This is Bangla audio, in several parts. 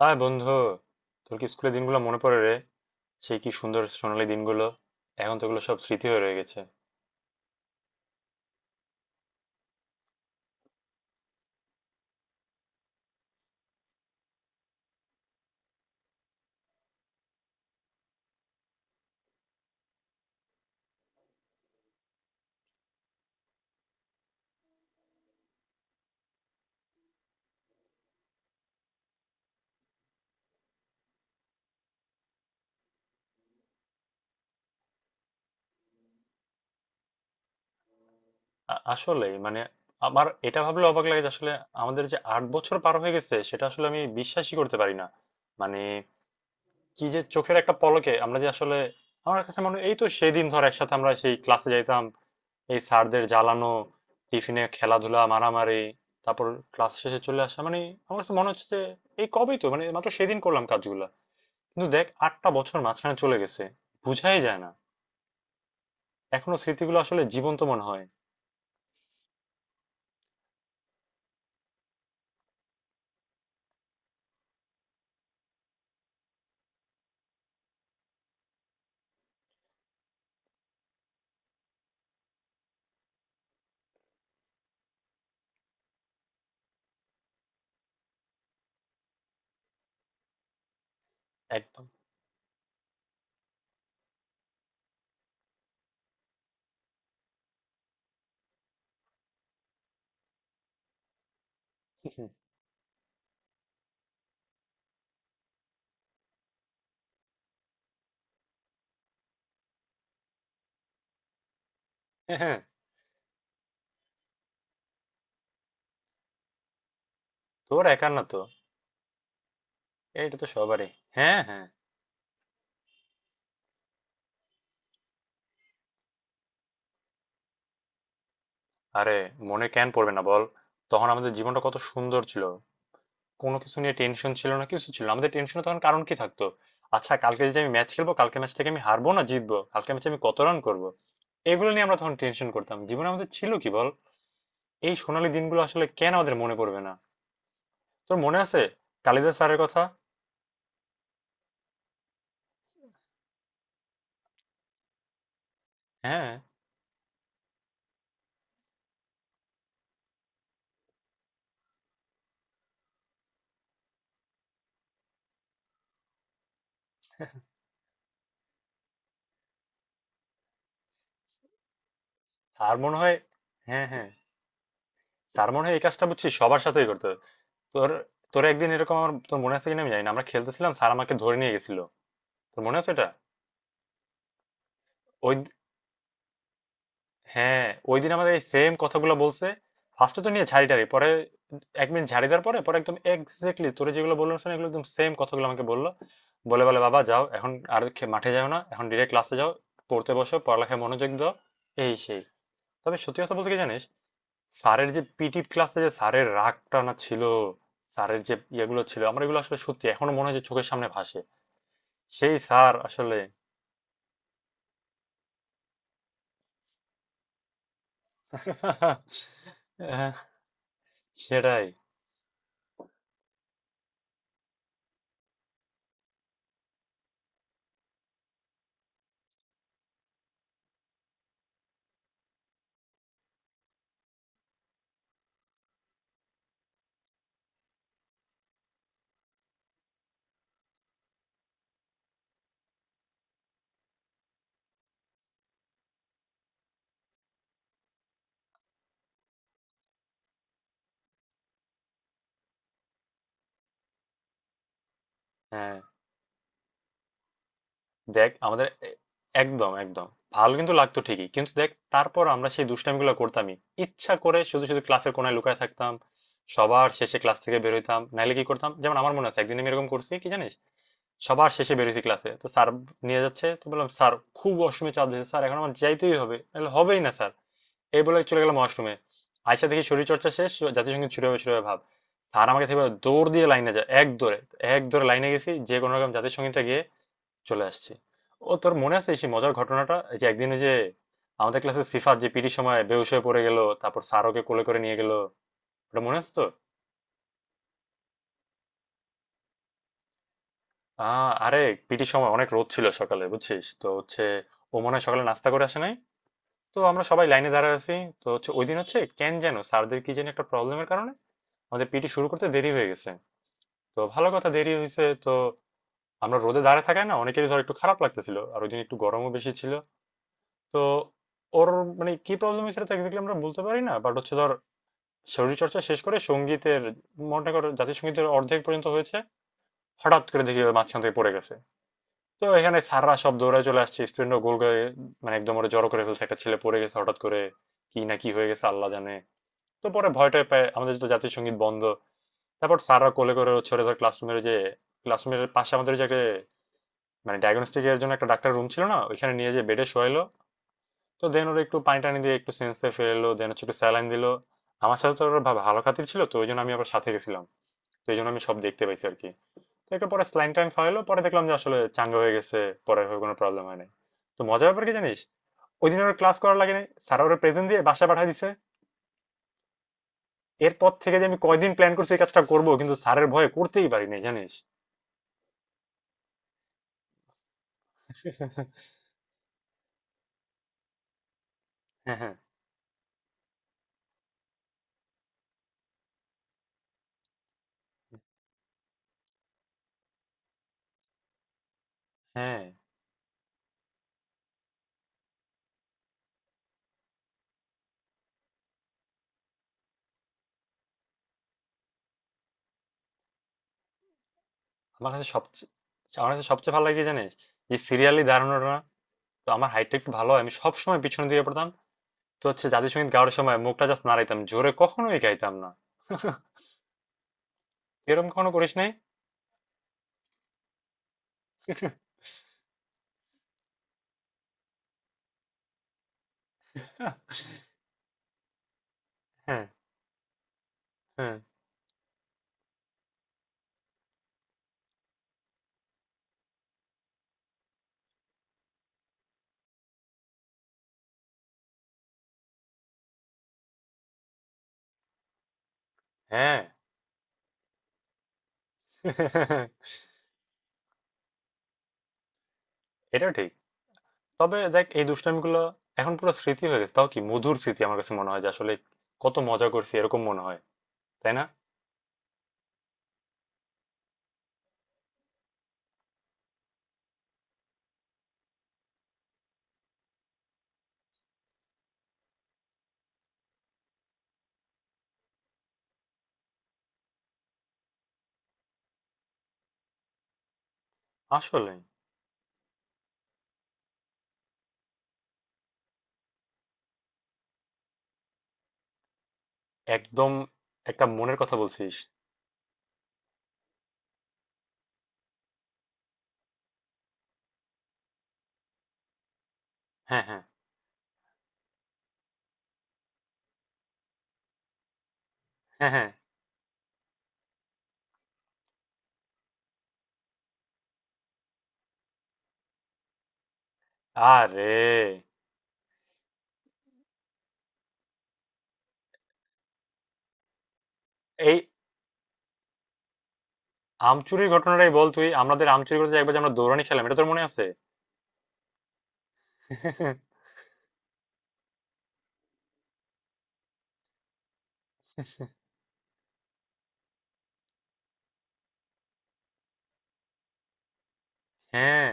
হাই বন্ধু, তোর কি স্কুলের দিনগুলো মনে পড়ে রে? সেই কি সুন্দর সোনালী দিনগুলো! এখন তো ওগুলো সব স্মৃতি হয়ে রয়ে গেছে। আসলেই মানে, আমার এটা ভাবলে অবাক লাগে যে আসলে আমাদের যে 8 বছর পার হয়ে গেছে সেটা আসলে আমি বিশ্বাসই করতে পারি না। মানে কি, যে চোখের একটা পলকে আমরা যে আসলে, আমার কাছে মনে হয় এই তো সেদিন, ধর, একসাথে আমরা সেই ক্লাসে যাইতাম, এই স্যারদের জ্বালানো, টিফিনে খেলাধুলা মারামারি, তারপর ক্লাস শেষে চলে আসা। মানে আমার কাছে মনে হচ্ছে যে এই কবেই তো, মানে মাত্র সেদিন করলাম কাজগুলো, কিন্তু দেখ 8টা বছর মাঝখানে চলে গেছে, বুঝাই যায় না। এখনো স্মৃতিগুলো আসলে জীবন্ত মনে হয়। একদম। হ্যাঁ, হ্যাঁ। তোর একার না তো। এটা তো সবারই। হ্যাঁ, হ্যাঁ। আরে, মনে কেন পড়বে না বল? তখন আমাদের জীবনটা কত সুন্দর ছিল, কোনো কিছু নিয়ে টেনশন ছিল না, কিছু ছিল না। আমাদের টেনশনে তখন কারণ কি থাকতো? আচ্ছা, কালকে যদি আমি ম্যাচ খেলবো, কালকে ম্যাচ থেকে আমি হারবো না জিতবো, কালকে ম্যাচে আমি কত রান করবো, এগুলো নিয়ে আমরা তখন টেনশন করতাম। জীবনে আমাদের ছিল কি বল? এই সোনালী দিনগুলো আসলে কেন আমাদের মনে পড়বে না? তোর মনে আছে কালিদাস স্যারের কথা? হ্যাঁ। আর মনে হয়, হ্যাঁ হ্যাঁ, তার মনে হয় এই কাজটা, বুঝছি, সবার সাথেই করতে হয়। তোর তোর একদিন এরকম, আমার, তোর মনে আছে কিনা আমি জানি না, আমরা খেলতেছিলাম স্যার আমাকে ধরে নিয়ে গেছিল, তোর মনে আছে এটা? ওই দি- হ্যাঁ, ওই দিন আমাদের এই সেম কথাগুলো বলছে। ফার্স্টে তো নিয়ে ঝাড়িটারি, পরে 1 মিনিট ঝাড়ি দেওয়ার পরে, পরে একদম এক্স্যাক্টলি তোরে যেগুলো বললো, শোনা, এগুলো একদম সেম কথাগুলো আমাকে বললো। বলে বলে, বাবা যাও, এখন আর মাঠে যাও না, এখন ডিরেক্ট ক্লাসে যাও, পড়তে বসো, পড়ালেখায় মনোযোগ দাও, এই সেই। তবে সত্যি কথা বলতে কি জানিস, স্যারের যে পিটি ক্লাসে যে স্যারের রাগ টানা ছিল, স্যারের যে ইয়েগুলো ছিল, আমার এগুলো আসলে সত্যি এখনো মনে হয় যে চোখের সামনে ভাসে সেই স্যার আসলে। হ্যাঁ, সেটাই। হ্যাঁ, দেখ আমাদের একদম, একদম ভালো কিন্তু লাগতো ঠিকই, কিন্তু দেখ তারপর আমরা সেই দুষ্টামিগুলো করতামই। ইচ্ছা করে শুধু শুধু ক্লাসের কোণায় লুকায় থাকতাম, সবার শেষে ক্লাস থেকে বের হইতাম, নাইলে কি করতাম। যেমন আমার মনে আছে একদিন আমি এরকম করছি কি জানিস, সবার শেষে বেরোইছি, ক্লাসে তো স্যার নিয়ে যাচ্ছে, তো বললাম, স্যার খুব অসময়ে চাপ দিয়েছে, স্যার এখন আমার যাইতেই হবে, নাহলে হবেই না স্যার। এই বলে চলে গেলাম ওয়াশরুমে, আয়সা দেখি শরীরচর্চা শেষ, জাতীয় সঙ্গীত শুরু হবে শুরু হবে ভাব। স্যার আমাকে থেকে দৌড় দিয়ে লাইনে যায়, এক দৌড়ে, এক দৌড়ে লাইনে গেছি, যে কোনো রকম জাতীয় সঙ্গীতটা গিয়ে চলে আসছি। ও, তোর মনে আছে সেই মজার ঘটনাটা, এই যে একদিন ওই যে আমাদের ক্লাসে সিফাত যে পিটির সময় বেহুশ হয়ে পড়ে গেল, তারপর স্যার ওকে কোলে করে নিয়ে গেল, ওটা মনে আছে তো? আরে, পিটির সময় অনেক রোদ ছিল সকালে, বুঝছিস তো হচ্ছে, ও মনে হয় সকালে নাস্তা করে আসে নাই। তো আমরা সবাই লাইনে দাঁড়ায় আছি, তো হচ্ছে ওই দিন হচ্ছে কেন যেন স্যারদের কি যেন একটা প্রবলেমের কারণে আমাদের পিটি শুরু করতে দেরি হয়ে গেছে। তো ভালো কথা, দেরি হয়েছে তো আমরা রোদে দাঁড়ায় থাকায় না অনেকেরই, ধর, একটু খারাপ লাগতেছিল, আর ওই দিন একটু গরমও বেশি ছিল। তো ওর মানে কি প্রবলেম হয়েছিল তা এক্স্যাক্টলি আমরা বলতে পারি না, বাট হচ্ছে, ধর, শরীরচর্চা শেষ করে সঙ্গীতের, মনে করো জাতীয় সঙ্গীতের অর্ধেক পর্যন্ত হয়েছে, হঠাৎ করে দেখি ও মাঝখান থেকে পড়ে গেছে। তো এখানে স্যাররা সব দৌড়ায় চলে আসছে, স্টুডেন্টরা গোল করে, মানে একদম ওরা জড়ো করে ফেলছে, একটা ছেলে পড়ে গেছে হঠাৎ করে, কি না কি হয়ে গেছে আল্লাহ জানে। তো পরে ভয় টয় পেয়ে আমাদের তো জাতীয় সঙ্গীত বন্ধ। তারপর স্যাররা কোলে করে ছোটে ধরে ক্লাসরুমের পাশে আমাদের যে একটা, মানে ডায়াগনস্টিক এর জন্য একটা ডাক্তার রুম ছিল না, ওইখানে নিয়ে যে বেডে শোয়াইলো। তো দেন ওরা একটু পানি টানি দিয়ে একটু সেন্সে ফেরালো, দেন হচ্ছে একটু স্যালাইন দিলো। আমার সাথে তো ওরা ভালো খাতির ছিল, তো ওই জন্য আমি আবার সাথে গেছিলাম, তো এই জন্য আমি সব দেখতে পাইছি আর কি। তো একটা পরে স্যালাইন টাইন খাওয়াইলো, পরে দেখলাম যে আসলে চাঙ্গা হয়ে গেছে, পরে আর কোনো প্রবলেম হয় নাই। তো মজার ব্যাপার কি জানিস, ওই দিন ওরা ক্লাস করার লাগে নাই, স্যার ওরা প্রেজেন্ট দিয়ে বাসায় পাঠিয়ে দিছে। এরপর থেকে যে আমি কয়দিন প্ল্যান করছি এই কাজটা করবো, কিন্তু স্যারের ভয়ে করতেই পারি নাই জানিস। হ্যাঁ, হ্যাঁ, হ্যাঁ। আমার কাছে সবচেয়ে আমার কাছে সবচেয়ে ভালো লাগে কি জানিস, যে সিরিয়ালি দাঁড়ানোটা না, তো আমার হাইটটা একটু ভালো হয়, আমি সবসময় পিছনে দিয়ে পড়তাম। তো হচ্ছে জাতীয় সঙ্গীত গাওয়ার সময় মুখটা জাস্ট নাড়াইতাম, জোরে কখনোই গাইতাম না। এরকম কখনো করিস নাই? হ্যাঁ, হ্যাঁ, হ্যাঁ। এটাও ঠিক। তবে দেখ এই দুষ্টামিগুলো এখন পুরো স্মৃতি হয়ে গেছে, তাও কি মধুর স্মৃতি। আমার কাছে মনে হয় যে আসলে কত মজা করছি, এরকম মনে হয়, তাই না? আসলে একদম একটা মনের কথা বলছিস। হ্যাঁ, হ্যাঁ, হ্যাঁ, হ্যাঁ। আরে, এই আম চুরির ঘটনাটাই বল, তুই আমাদের আম চুরি করতে একবার যে আমরা দৌড়ানি খেলাম এটা তোর মনে আছে? হ্যাঁ,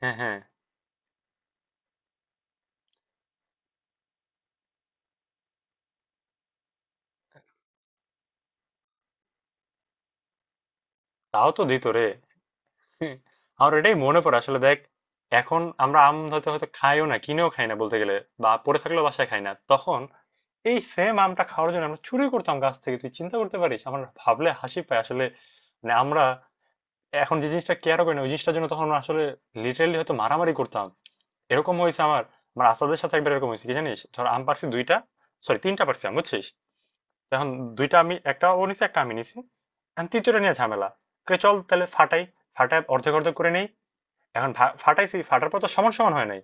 হ্যাঁ, হ্যাঁ। তাও তো দিত রে। আমার এটাই মনে পড়ে আসলে, দেখ এখন আমরা আম হয়তো হয়তো খাইও না, কিনেও খাই না বলতে গেলে, বা পড়ে থাকলেও বাসায় খাই না, তখন এই সেম আমটা খাওয়ার জন্য আমরা চুরি করতাম গাছ থেকে, তুই চিন্তা করতে পারিস? আমার ভাবলে হাসি পায় আসলে। মানে আমরা এখন যে জিনিসটা কেয়ারও করি না, ওই জিনিসটার জন্য তখন আমরা আসলে লিটারেলি হয়তো মারামারি করতাম। এরকম হয়েছে আমার আমার আসাদের সাথে একবার এরকম হয়েছে কি জানিস, ধর আম পারছি দুইটা, সরি তিনটা পারছি আম বুঝছিস। এখন দুইটা, আমি একটা ও নিছে একটা আমি নিছি, এখন তৃতীয়টা নিয়ে ঝামেলা, কে, চল তাহলে ফাটাই, ফাটাই অর্ধেক অর্ধেক করে নেই। এখন ফাটাইছি, ফাটার পর তো সমান সমান হয় নাই,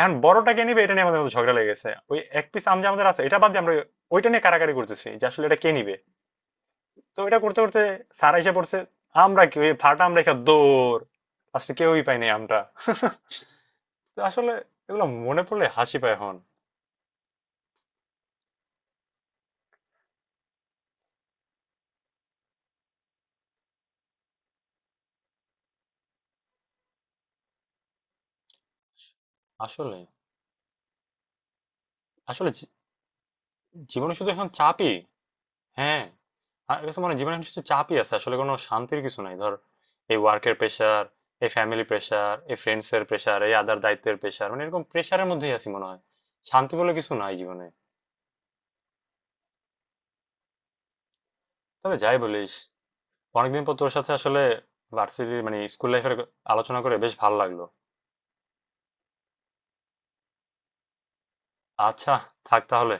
এখন বড়টাকে নিবে, এটা নিয়ে আমাদের মধ্যে ঝগড়া লেগেছে। ওই এক পিস আম যে আমাদের আছে এটা বাদ দিয়ে আমরা ওইটা নিয়ে কারাকারি করতেছি যে আসলে এটা কে নিবে। তো এটা করতে করতে স্যার এসে পড়ছে, আমরা কি ওই ফাটা আম রেখে দৌড়, আজকে কেউই পাই নাই আমটা। তো আসলে এগুলো মনে পড়লে হাসি পায় এখন আসলে। আসলে জীবনে শুধু এখন চাপই। হ্যাঁ, আমার কাছে মনে হয় জীবনে এখন শুধু চাপই আছে আসলে, কোনো শান্তির কিছু নাই। ধর এই ওয়ার্কের প্রেশার, এই ফ্যামিলি প্রেশার, এই ফ্রেন্ডস এর প্রেশার, এই আদার দায়িত্বের প্রেশার, মানে এরকম প্রেশারের মধ্যেই আছি মনে হয়, শান্তি বলে কিছু নাই জীবনে। তবে যাই বলিস, অনেকদিন পর তোর সাথে আসলে ভার্সিটি মানে স্কুল লাইফের আলোচনা করে বেশ ভালো লাগলো। আচ্ছা, থাক তাহলে।